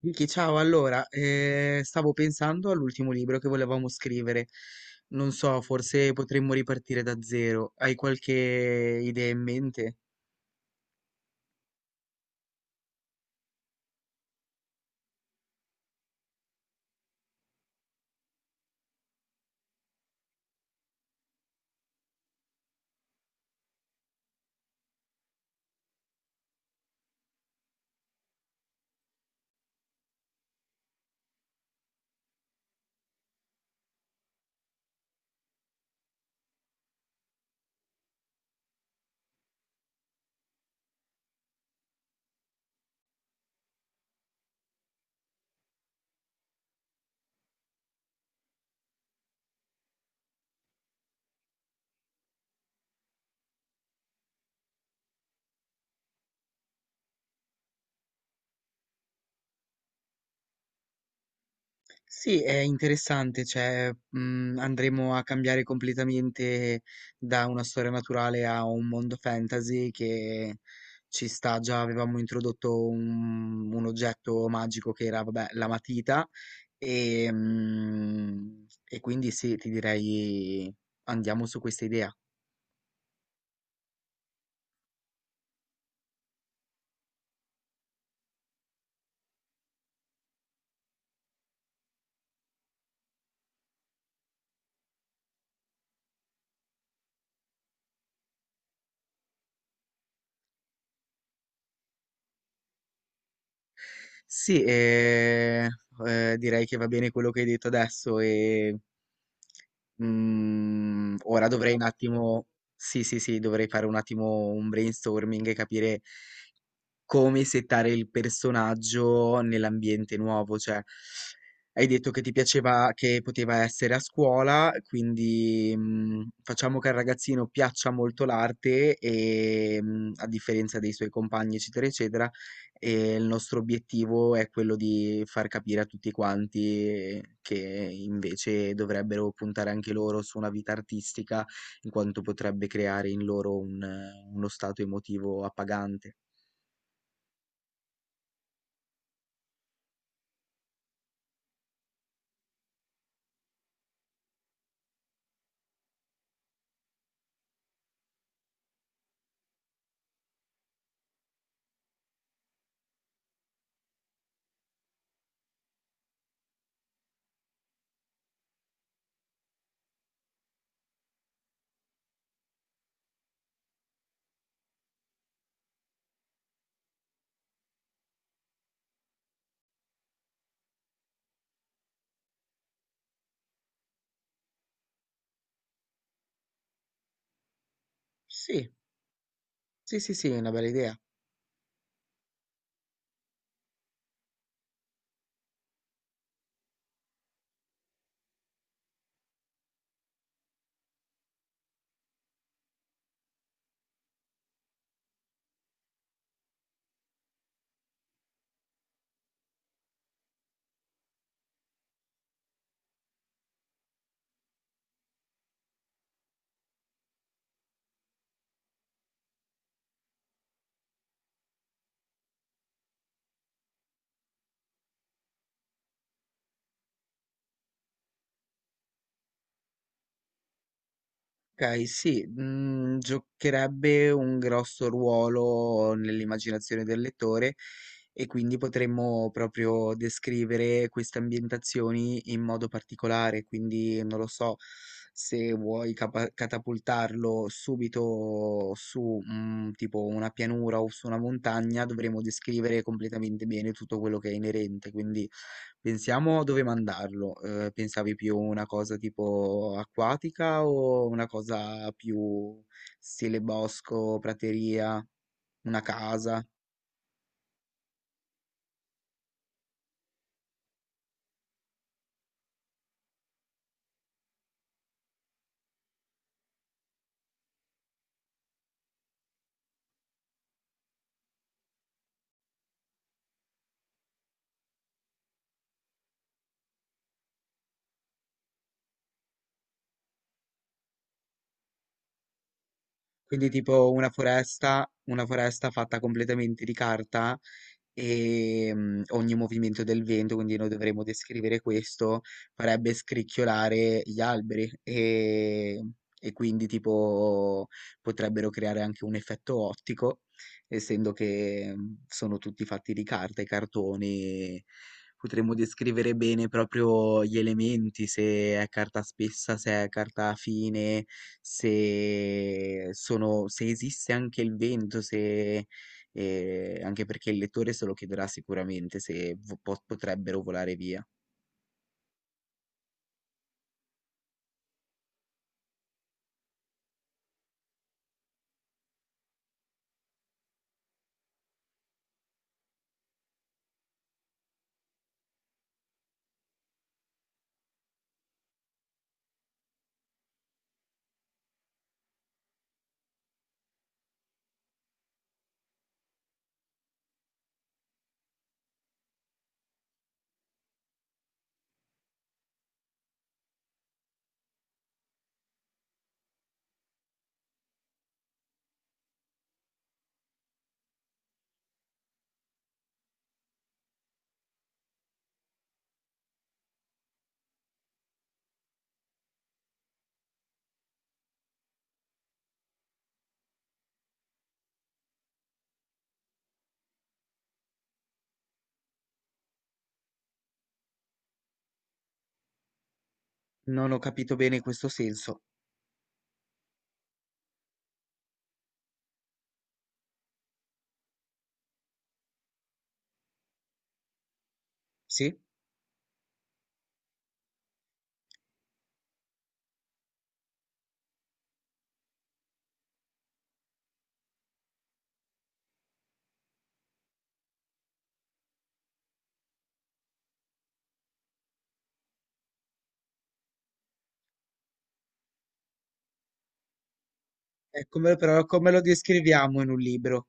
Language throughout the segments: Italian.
Vicky, ciao, allora, stavo pensando all'ultimo libro che volevamo scrivere. Non so, forse potremmo ripartire da zero. Hai qualche idea in mente? Sì, è interessante, cioè, andremo a cambiare completamente da una storia naturale a un mondo fantasy che ci sta. Già avevamo introdotto un oggetto magico che era, vabbè, la matita, e quindi sì, ti direi andiamo su questa idea. Sì, direi che va bene quello che hai detto adesso e ora dovrei un attimo, sì, sì, sì, dovrei fare un attimo un brainstorming e capire come settare il personaggio nell'ambiente nuovo, cioè hai detto che ti piaceva che poteva essere a scuola, quindi facciamo che al ragazzino piaccia molto l'arte e, a differenza dei suoi compagni, eccetera, eccetera, e il nostro obiettivo è quello di far capire a tutti quanti che invece dovrebbero puntare anche loro su una vita artistica, in quanto potrebbe creare in loro un, uno stato emotivo appagante. Sì, sì, sì, sì, è una bella idea. Okay, sì, giocherebbe un grosso ruolo nell'immaginazione del lettore e quindi potremmo proprio descrivere queste ambientazioni in modo particolare, quindi non lo so, se vuoi capa catapultarlo subito su, tipo una pianura o su una montagna, dovremo descrivere completamente bene tutto quello che è inerente, quindi pensiamo dove mandarlo. Pensavi più una cosa tipo acquatica o una cosa più stile bosco, prateria, una casa? Quindi tipo una foresta fatta completamente di carta, ogni movimento del vento, quindi noi dovremmo descrivere questo, farebbe scricchiolare gli alberi e quindi tipo potrebbero creare anche un effetto ottico, essendo che sono tutti fatti di carta e cartoni. Potremmo descrivere bene proprio gli elementi, se è carta spessa, se è carta fine, se, sono, se esiste anche il vento, se, e anche perché il lettore se lo chiederà sicuramente se potrebbero volare via. Non ho capito bene questo senso. Sì? Come, però come lo descriviamo in un libro?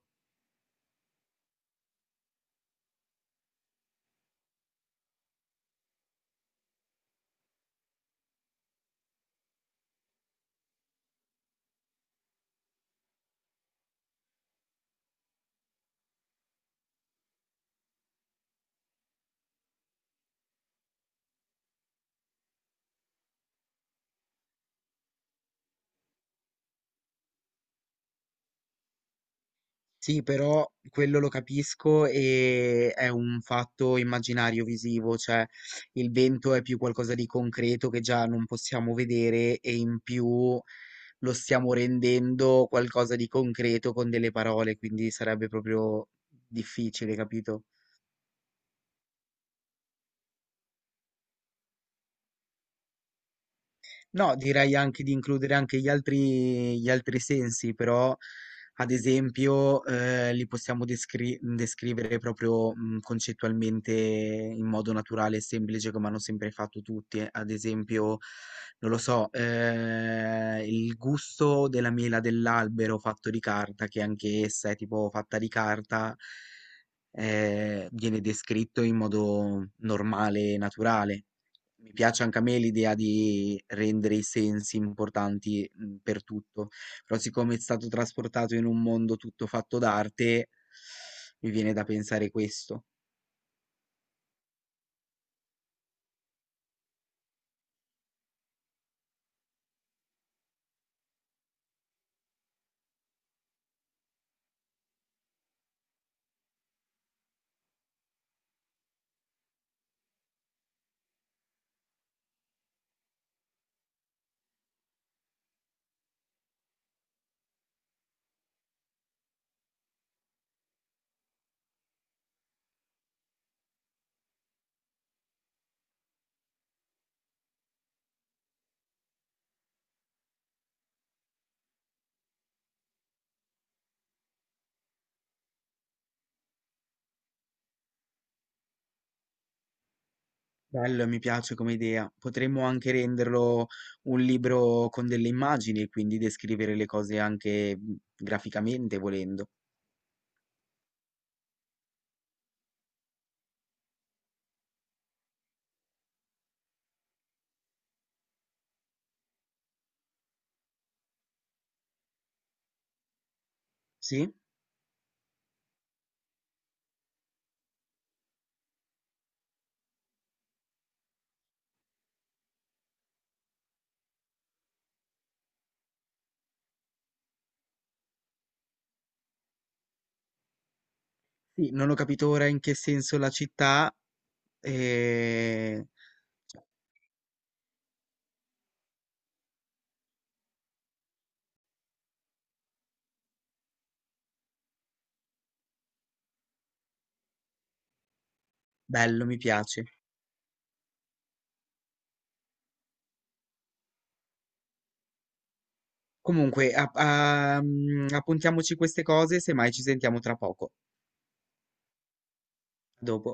Sì, però quello lo capisco e è un fatto immaginario visivo, cioè il vento è più qualcosa di concreto che già non possiamo vedere e in più lo stiamo rendendo qualcosa di concreto con delle parole, quindi sarebbe proprio difficile, capito? No, direi anche di includere anche gli altri sensi, però ad esempio li possiamo descrivere proprio concettualmente in modo naturale e semplice come hanno sempre fatto tutti. Ad esempio, non lo so, il gusto della mela dell'albero fatto di carta, che anche essa è tipo fatta di carta, viene descritto in modo normale e naturale. Mi piace anche a me l'idea di rendere i sensi importanti per tutto, però siccome è stato trasportato in un mondo tutto fatto d'arte, mi viene da pensare questo. Bello, mi piace come idea. Potremmo anche renderlo un libro con delle immagini e quindi descrivere le cose anche graficamente, volendo. Sì? Sì, non ho capito ora in che senso la città. eh, Bello, mi piace. Comunque, appuntiamoci queste cose, semmai ci sentiamo tra poco. A dopo.